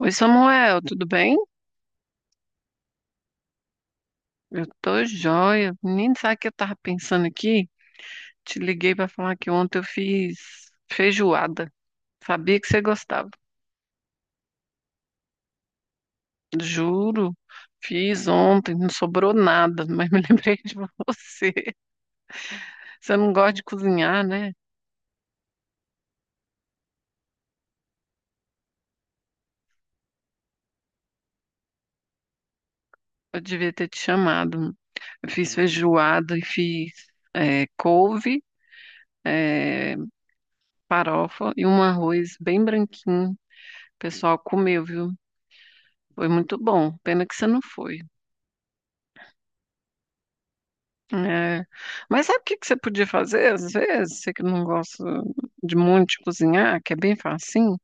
Oi, Samuel, tudo bem? Eu tô joia. Menino, sabe o que eu tava pensando aqui? Te liguei pra falar que ontem eu fiz feijoada. Sabia que você gostava. Juro, fiz ontem, não sobrou nada, mas me lembrei de você. Você não gosta de cozinhar, né? Eu devia ter te chamado. Eu fiz feijoada e fiz couve, eh, farofa e um arroz bem branquinho. O pessoal comeu, viu? Foi muito bom. Pena que você não foi. É. Mas sabe o que que você podia fazer às vezes? Você que não gosta de muito de cozinhar, que é bem facinho,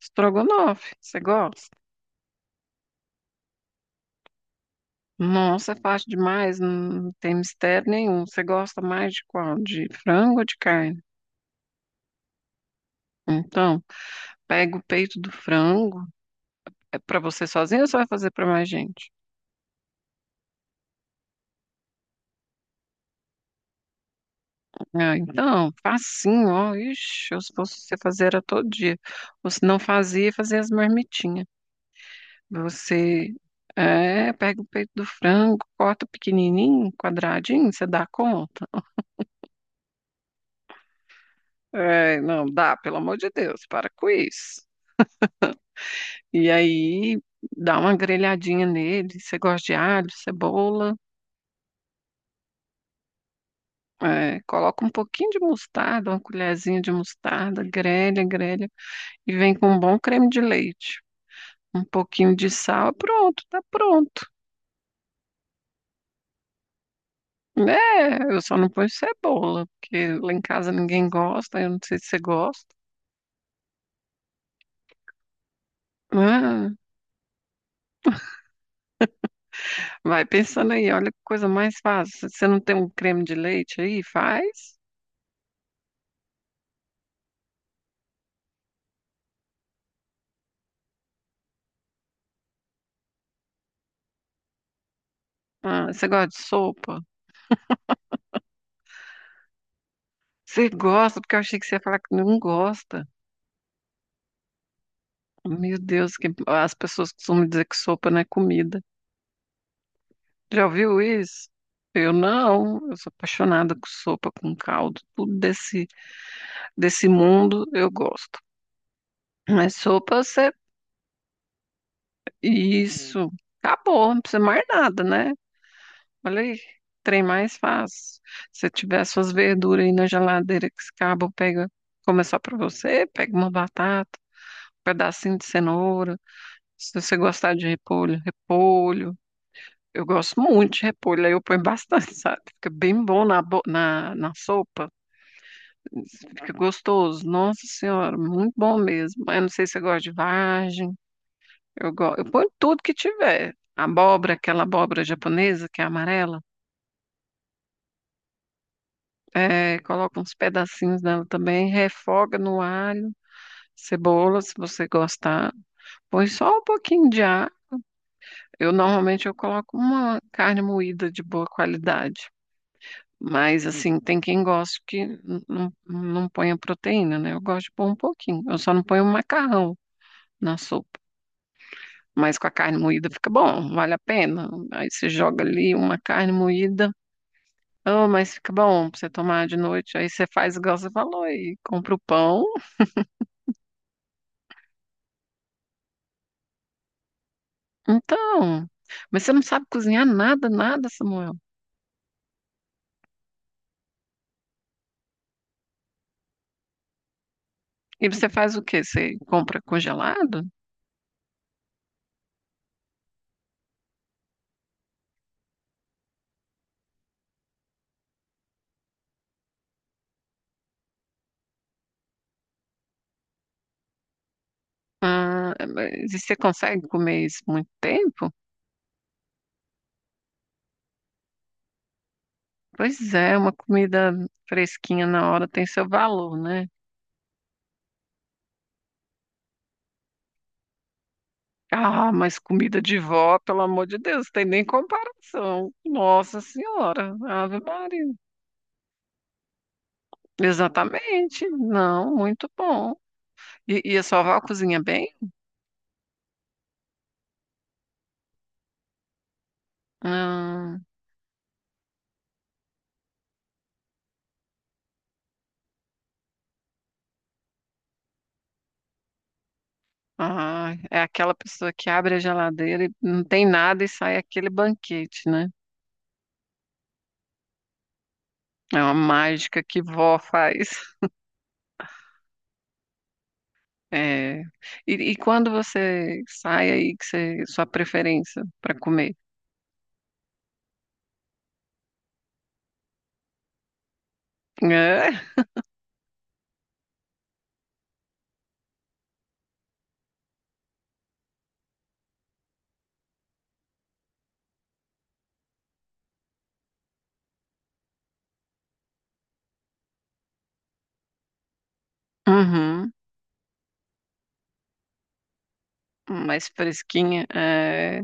estrogonofe, você gosta? Nossa, é fácil demais, não tem mistério nenhum. Você gosta mais de qual? De frango ou de carne? Então, pega o peito do frango. É para você sozinho ou você vai fazer para mais gente? Ah, então, facinho, ó. Ixi, eu se fosse você fazer era todo dia. Ou se não fazia, fazia as marmitinhas. Você é, pega o peito do frango, corta pequenininho, quadradinho, você dá conta? É, não, dá, pelo amor de Deus, para com isso. E aí dá uma grelhadinha nele. Você gosta de alho, cebola, é, coloca um pouquinho de mostarda, uma colherzinha de mostarda, grelha, grelha, e vem com um bom creme de leite. Um pouquinho de sal, pronto, tá pronto. É, eu só não ponho cebola, porque lá em casa ninguém gosta, eu não sei se você gosta. Ah, vai pensando aí, olha que coisa mais fácil. Você não tem um creme de leite aí? Faz. Ah, você gosta de sopa? Você gosta, porque eu achei que você ia falar que não gosta. Meu Deus, que as pessoas costumam dizer que sopa não é comida. Já ouviu isso? Eu não, eu sou apaixonada com sopa, com caldo, tudo desse mundo eu gosto. Mas sopa, você... Isso, acabou, não precisa mais nada, né? Olha aí, trem mais fácil. Se você tiver suas verduras aí na geladeira que acabam, pega, como é só pra você, pega uma batata, um pedacinho de cenoura. Se você gostar de repolho, repolho. Eu gosto muito de repolho, aí eu ponho bastante, sabe? Fica bem bom na sopa, fica gostoso. Nossa Senhora, muito bom mesmo. Mas eu não sei se você gosta de vagem, eu ponho tudo que tiver. Abóbora, aquela abóbora japonesa que é amarela. É, coloca uns pedacinhos dela também, refoga no alho, cebola, se você gostar. Põe só um pouquinho de ar. Eu normalmente eu coloco uma carne moída de boa qualidade. Mas assim, tem quem gosta que não põe a proteína, né? Eu gosto de pôr um pouquinho. Eu só não ponho o macarrão na sopa. Mas com a carne moída fica bom, vale a pena. Aí você joga ali uma carne moída. Oh, mas fica bom pra você tomar de noite. Aí você faz igual você falou e compra o pão. Então, mas você não sabe cozinhar nada, nada, Samuel. E você faz o quê? Você compra congelado? Ah, mas e você consegue comer isso muito tempo? Pois é, uma comida fresquinha na hora tem seu valor, né? Ah, mas comida de vó, pelo amor de Deus, tem nem comparação. Nossa Senhora, Ave Maria. Exatamente, não, muito bom. E a sua avó cozinha bem? Ah. Ah, é aquela pessoa que abre a geladeira e não tem nada e sai aquele banquete, né? É uma mágica que vó faz. É. E quando você sai aí, que você, sua preferência para comer? É. Uhum. Mais fresquinha. É.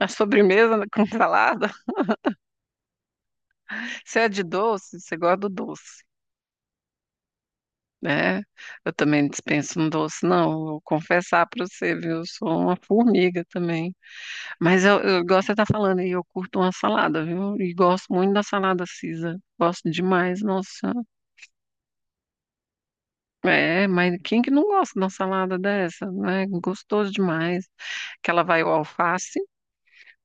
A sobremesa com salada. Você é de doce? Você gosta do doce, né? Eu também dispenso um doce, não. Vou confessar para você, viu? Eu sou uma formiga também. Mas eu gosto de estar falando e eu curto uma salada, viu? E gosto muito da salada Caesar. Gosto demais, nossa. É, mas quem que não gosta de uma salada dessa, né? Gostoso demais. Que ela vai o alface,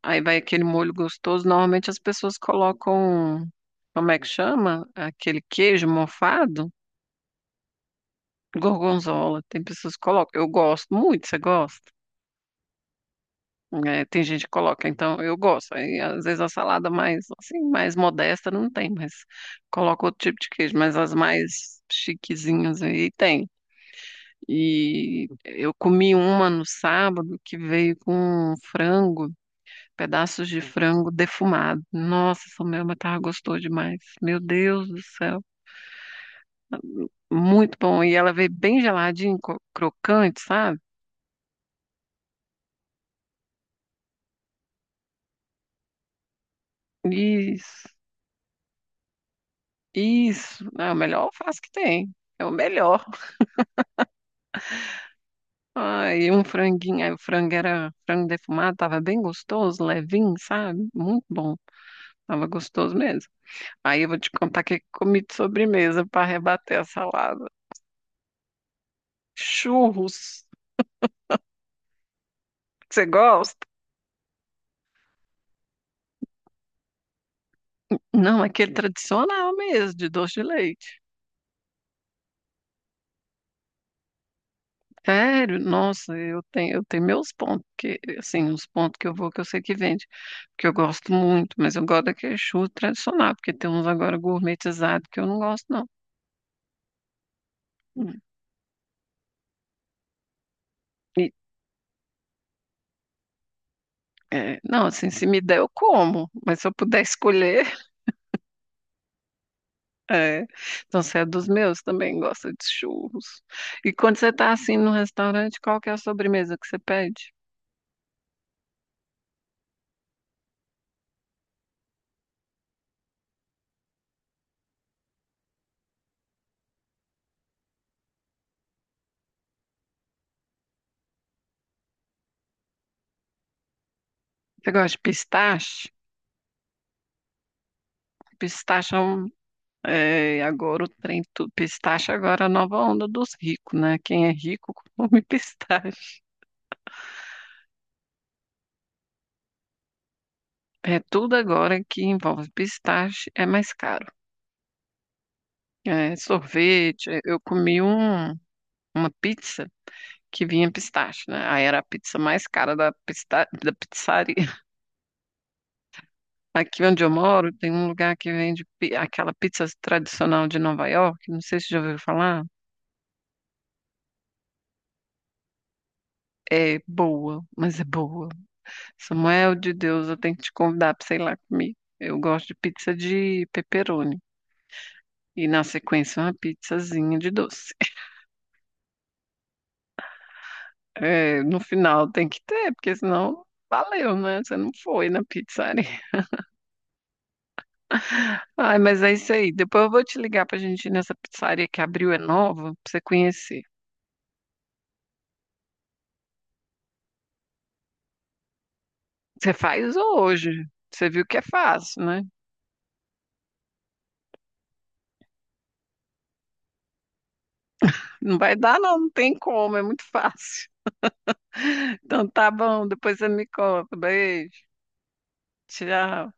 aí vai aquele molho gostoso. Normalmente as pessoas colocam, como é que chama? Aquele queijo mofado, gorgonzola. Tem pessoas que colocam. Eu gosto muito, você gosta? É, tem gente que coloca, então eu gosto. Aí, às vezes a salada mais assim, mais modesta não tem, mas coloca outro tipo de queijo, mas as mais chiquezinhas aí tem. E eu comi uma no sábado que veio com frango, pedaços de frango defumado. Nossa, essa minha mas tava gostoso demais. Meu Deus do céu, muito bom. E ela veio bem geladinha, crocante, sabe? Isso, isso. É o melhor alface que tem. É o melhor. Ai, um franguinho. Aí o frango era frango defumado, tava bem gostoso, levinho, sabe? Muito bom. Tava gostoso mesmo. Aí eu vou te contar o que que eu comi de sobremesa para rebater a salada. Churros. Você gosta? Não, aquele tradicional mesmo, de doce de leite. Sério, nossa, eu tenho meus pontos, que, assim, os pontos que eu vou que eu sei que vende, porque eu gosto muito, mas eu gosto daquele churro tradicional, porque tem uns agora gourmetizados que eu não gosto, não. Hum. E é, não, assim, se me der, eu como, mas se eu puder escolher, é. Então, você é dos meus, também gosta de churros. E quando você está assim no restaurante, qual que é a sobremesa que você pede? Você gosta de pistache? Pistache é um, é, agora o trem, pistache agora é a nova onda dos ricos, né? Quem é rico come pistache. É tudo agora que envolve pistache é mais caro. É, sorvete, é, uma pizza que vinha pistache, né? Aí era a pizza mais cara da pizzaria. Aqui onde eu moro tem um lugar que vende aquela pizza tradicional de Nova York, não sei se já ouviu falar. É boa, mas é boa. Samuel de Deus, eu tenho que te convidar para sei lá comigo. Eu gosto de pizza de pepperoni. E na sequência uma pizzazinha de doce. É, no final tem que ter, porque senão valeu, né? Você não foi na pizzaria. Ai, mas é isso aí. Depois eu vou te ligar pra gente ir nessa pizzaria que abriu, é nova, pra você conhecer. Você faz hoje. Você viu que é fácil, né? Não vai dar, não, não tem como, é muito fácil. Então tá bom, depois você me conta. Beijo, tchau.